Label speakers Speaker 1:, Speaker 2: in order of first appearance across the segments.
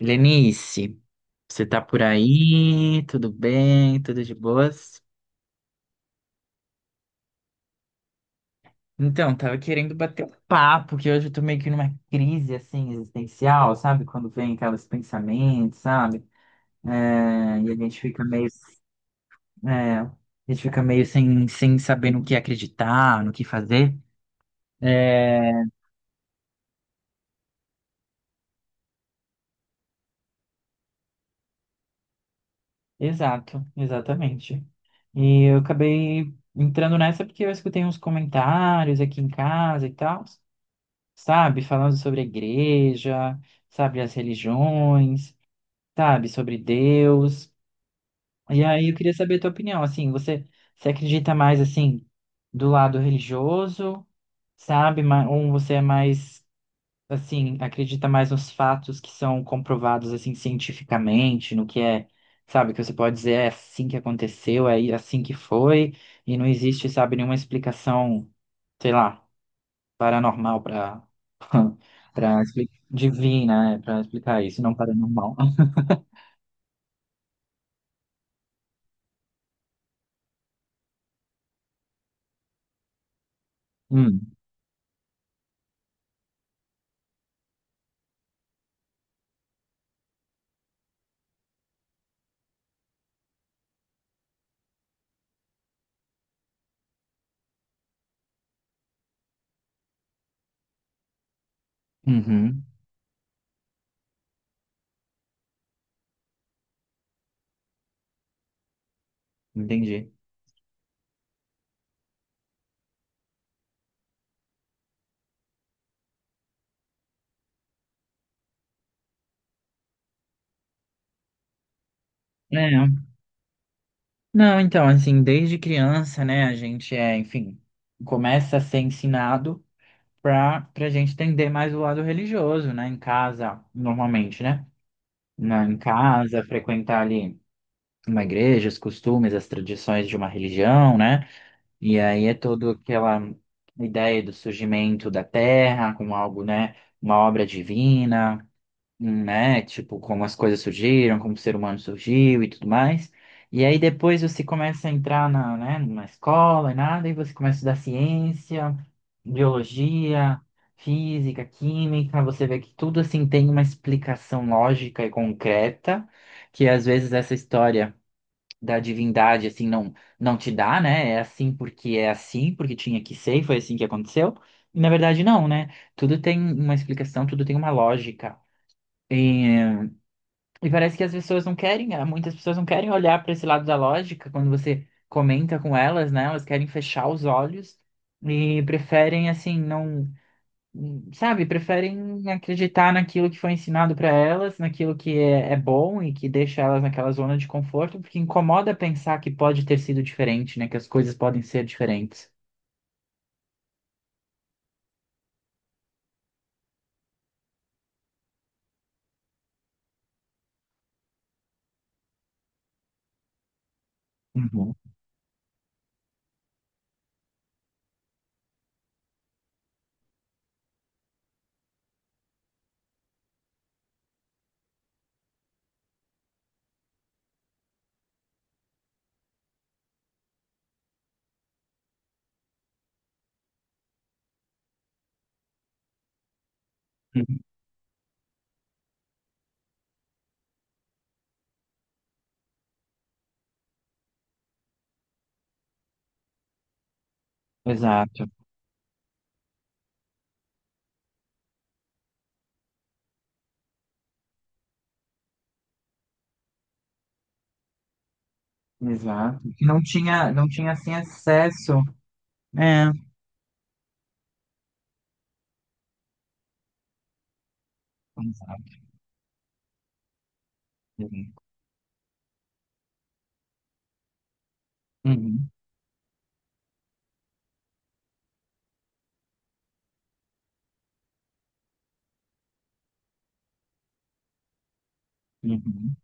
Speaker 1: Lenice, você tá por aí? Tudo bem? Tudo de boas? Então, tava querendo bater um papo, que hoje eu tô meio que numa crise, assim, existencial, sabe? Quando vem aqueles pensamentos, sabe? E a gente fica é, a meio sem saber no que acreditar, no que fazer. É, exatamente. E eu acabei entrando nessa porque eu escutei uns comentários aqui em casa e tal. Sabe? Falando sobre a igreja, sabe? As religiões, sabe? Sobre Deus. E aí eu queria saber a tua opinião, assim, você acredita mais, assim, do lado religioso, sabe? Ou você é mais, assim, acredita mais nos fatos que são comprovados, assim, cientificamente, no que é, sabe? Que você pode dizer é assim que aconteceu, é assim que foi, e não existe, sabe, nenhuma explicação, sei lá paranormal para explicar divina, é, para explicar isso, não paranormal. Hum, uhum, entendi. É, não, então, assim, desde criança, né, a gente é, enfim, começa a ser ensinado pra para gente entender mais o lado religioso, né, em casa, normalmente, né, em casa, frequentar ali uma igreja, os costumes, as tradições de uma religião, né. E aí é toda aquela ideia do surgimento da Terra como algo, né, uma obra divina, né, tipo como as coisas surgiram, como o ser humano surgiu e tudo mais. E aí depois você começa a entrar na, né, numa escola e nada, e você começa a estudar ciência, biologia, física, química, você vê que tudo assim tem uma explicação lógica e concreta, que às vezes essa história da divindade, assim, não te dá, né? É assim, porque tinha que ser e foi assim que aconteceu. E, na verdade, não, né? Tudo tem uma explicação, tudo tem uma lógica. E, e parece que as pessoas não querem, muitas pessoas não querem olhar para esse lado da lógica quando você comenta com elas, né? Elas querem fechar os olhos e preferem, assim, não sabe, preferem acreditar naquilo que foi ensinado para elas, naquilo que é, é bom e que deixa elas naquela zona de conforto, porque incomoda pensar que pode ter sido diferente, né? Que as coisas podem ser diferentes. Uhum. Uhum. Exato, exato. Não tinha assim acesso. É. Exato. Uhum. Uhum. Uhum.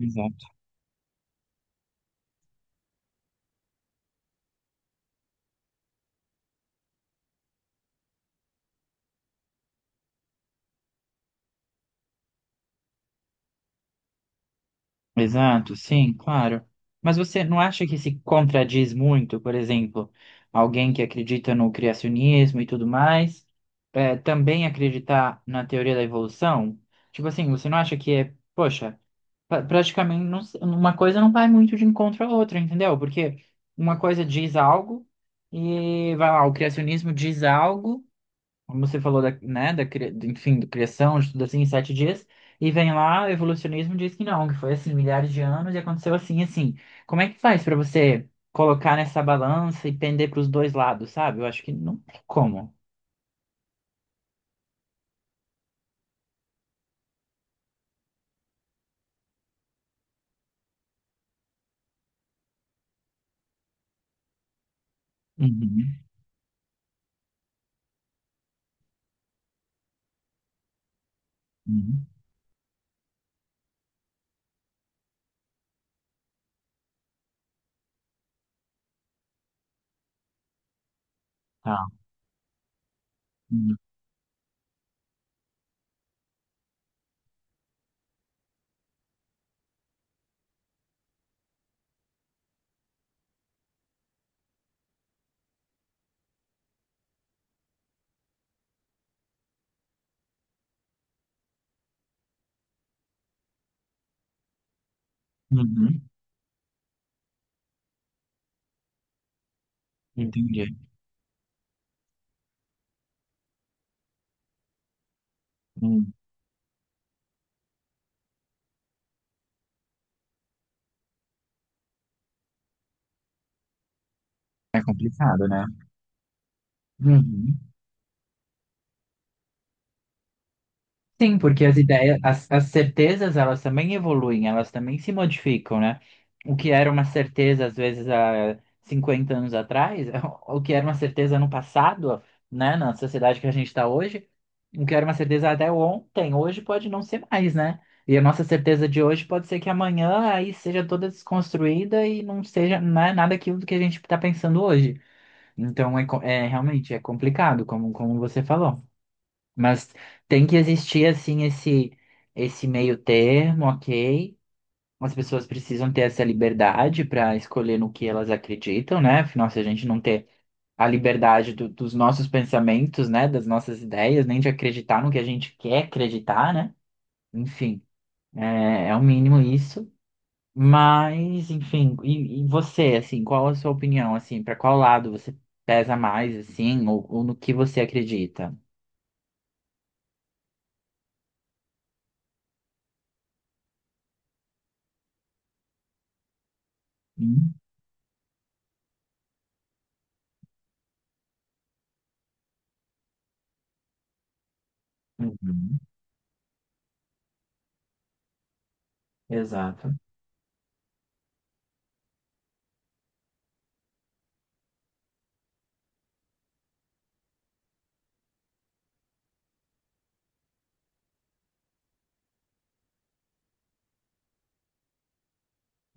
Speaker 1: Exato. Exato, sim, claro. Mas você não acha que se contradiz muito, por exemplo, alguém que acredita no criacionismo e tudo mais, é, também acreditar na teoria da evolução? Tipo assim, você não acha que é, poxa, praticamente uma coisa não vai muito de encontro à outra, entendeu? Porque uma coisa diz algo e vai lá, o criacionismo diz algo como você falou da, né, enfim, do criação, de tudo assim, em 7 dias, e vem lá, o evolucionismo e diz que não, que foi assim, milhares de anos e aconteceu assim, assim. Como é que faz para você colocar nessa balança e pender para os dois lados, sabe? Eu acho que não tem como. Uhum, uhum, tá. Uhum, uhum, entendi. Hum, é complicado, né? Uhum. Sim, porque as ideias, as certezas, elas também evoluem, elas também se modificam, né? O que era uma certeza, às vezes, há 50 anos atrás, o que era uma certeza no passado, né? Na sociedade que a gente está hoje, o que era uma certeza até ontem, hoje pode não ser mais, né? E a nossa certeza de hoje pode ser que amanhã aí seja toda desconstruída e não seja, né, nada aquilo do que a gente está pensando hoje. Então, é, é realmente é complicado, como você falou. Mas tem que existir assim esse meio termo, ok? As pessoas precisam ter essa liberdade para escolher no que elas acreditam, né? Afinal, se a gente não ter a liberdade dos nossos pensamentos, né? Das nossas ideias, nem de acreditar no que a gente quer acreditar, né? Enfim, é o mínimo isso. Mas, enfim, e você, assim, qual a sua opinião, assim, para qual lado você pesa mais, assim, ou no que você acredita? Hum, uhum, exato.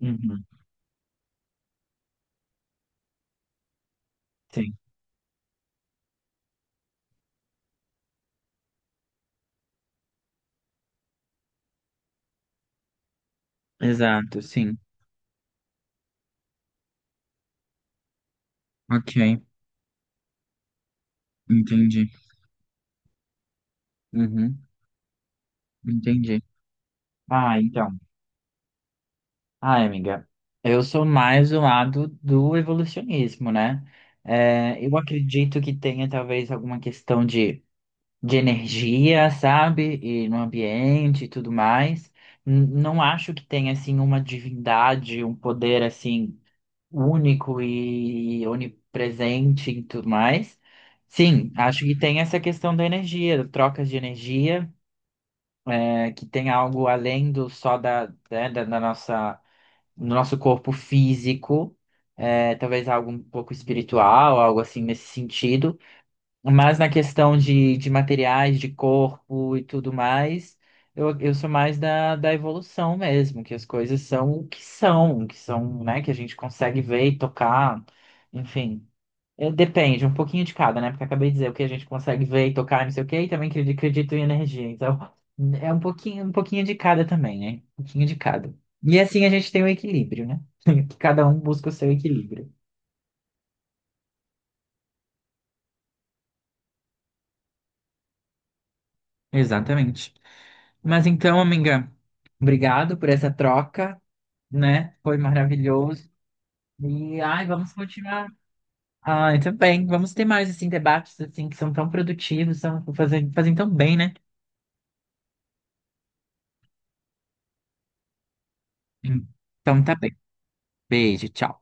Speaker 1: Uhum, sim. Exato, sim. Ok, entendi. Uhum, entendi. Ah, então. Ah, amiga, eu sou mais do lado do evolucionismo, né? É, eu acredito que tenha talvez alguma questão de energia, sabe? E no ambiente e tudo mais. Não acho que tenha, assim, uma divindade, um poder, assim, único e onipresente e tudo mais. Sim, acho que tem essa questão da energia, da troca de energia, é, que tem algo além do só da, né, da nossa, do nosso corpo físico, é, talvez algo um pouco espiritual, algo assim nesse sentido. Mas na questão de materiais, de corpo e tudo mais, eu sou mais da, da evolução mesmo, que as coisas são o que são, né, que a gente consegue ver e tocar, enfim. É, depende, um pouquinho de cada, né? Porque eu acabei de dizer o que a gente consegue ver e tocar, não sei o quê, e também acredito em energia. Então, é um pouquinho de cada também, né? Um pouquinho de cada. E assim a gente tem o equilíbrio, né? Que cada um busca o seu equilíbrio. Exatamente. Mas então, amiga, obrigado por essa troca, né? Foi maravilhoso. E ai, vamos continuar. Ai, também. Vamos ter mais assim debates assim que são tão produtivos, são fazem, fazem tão bem, né? Então tá bem. Beijo, tchau.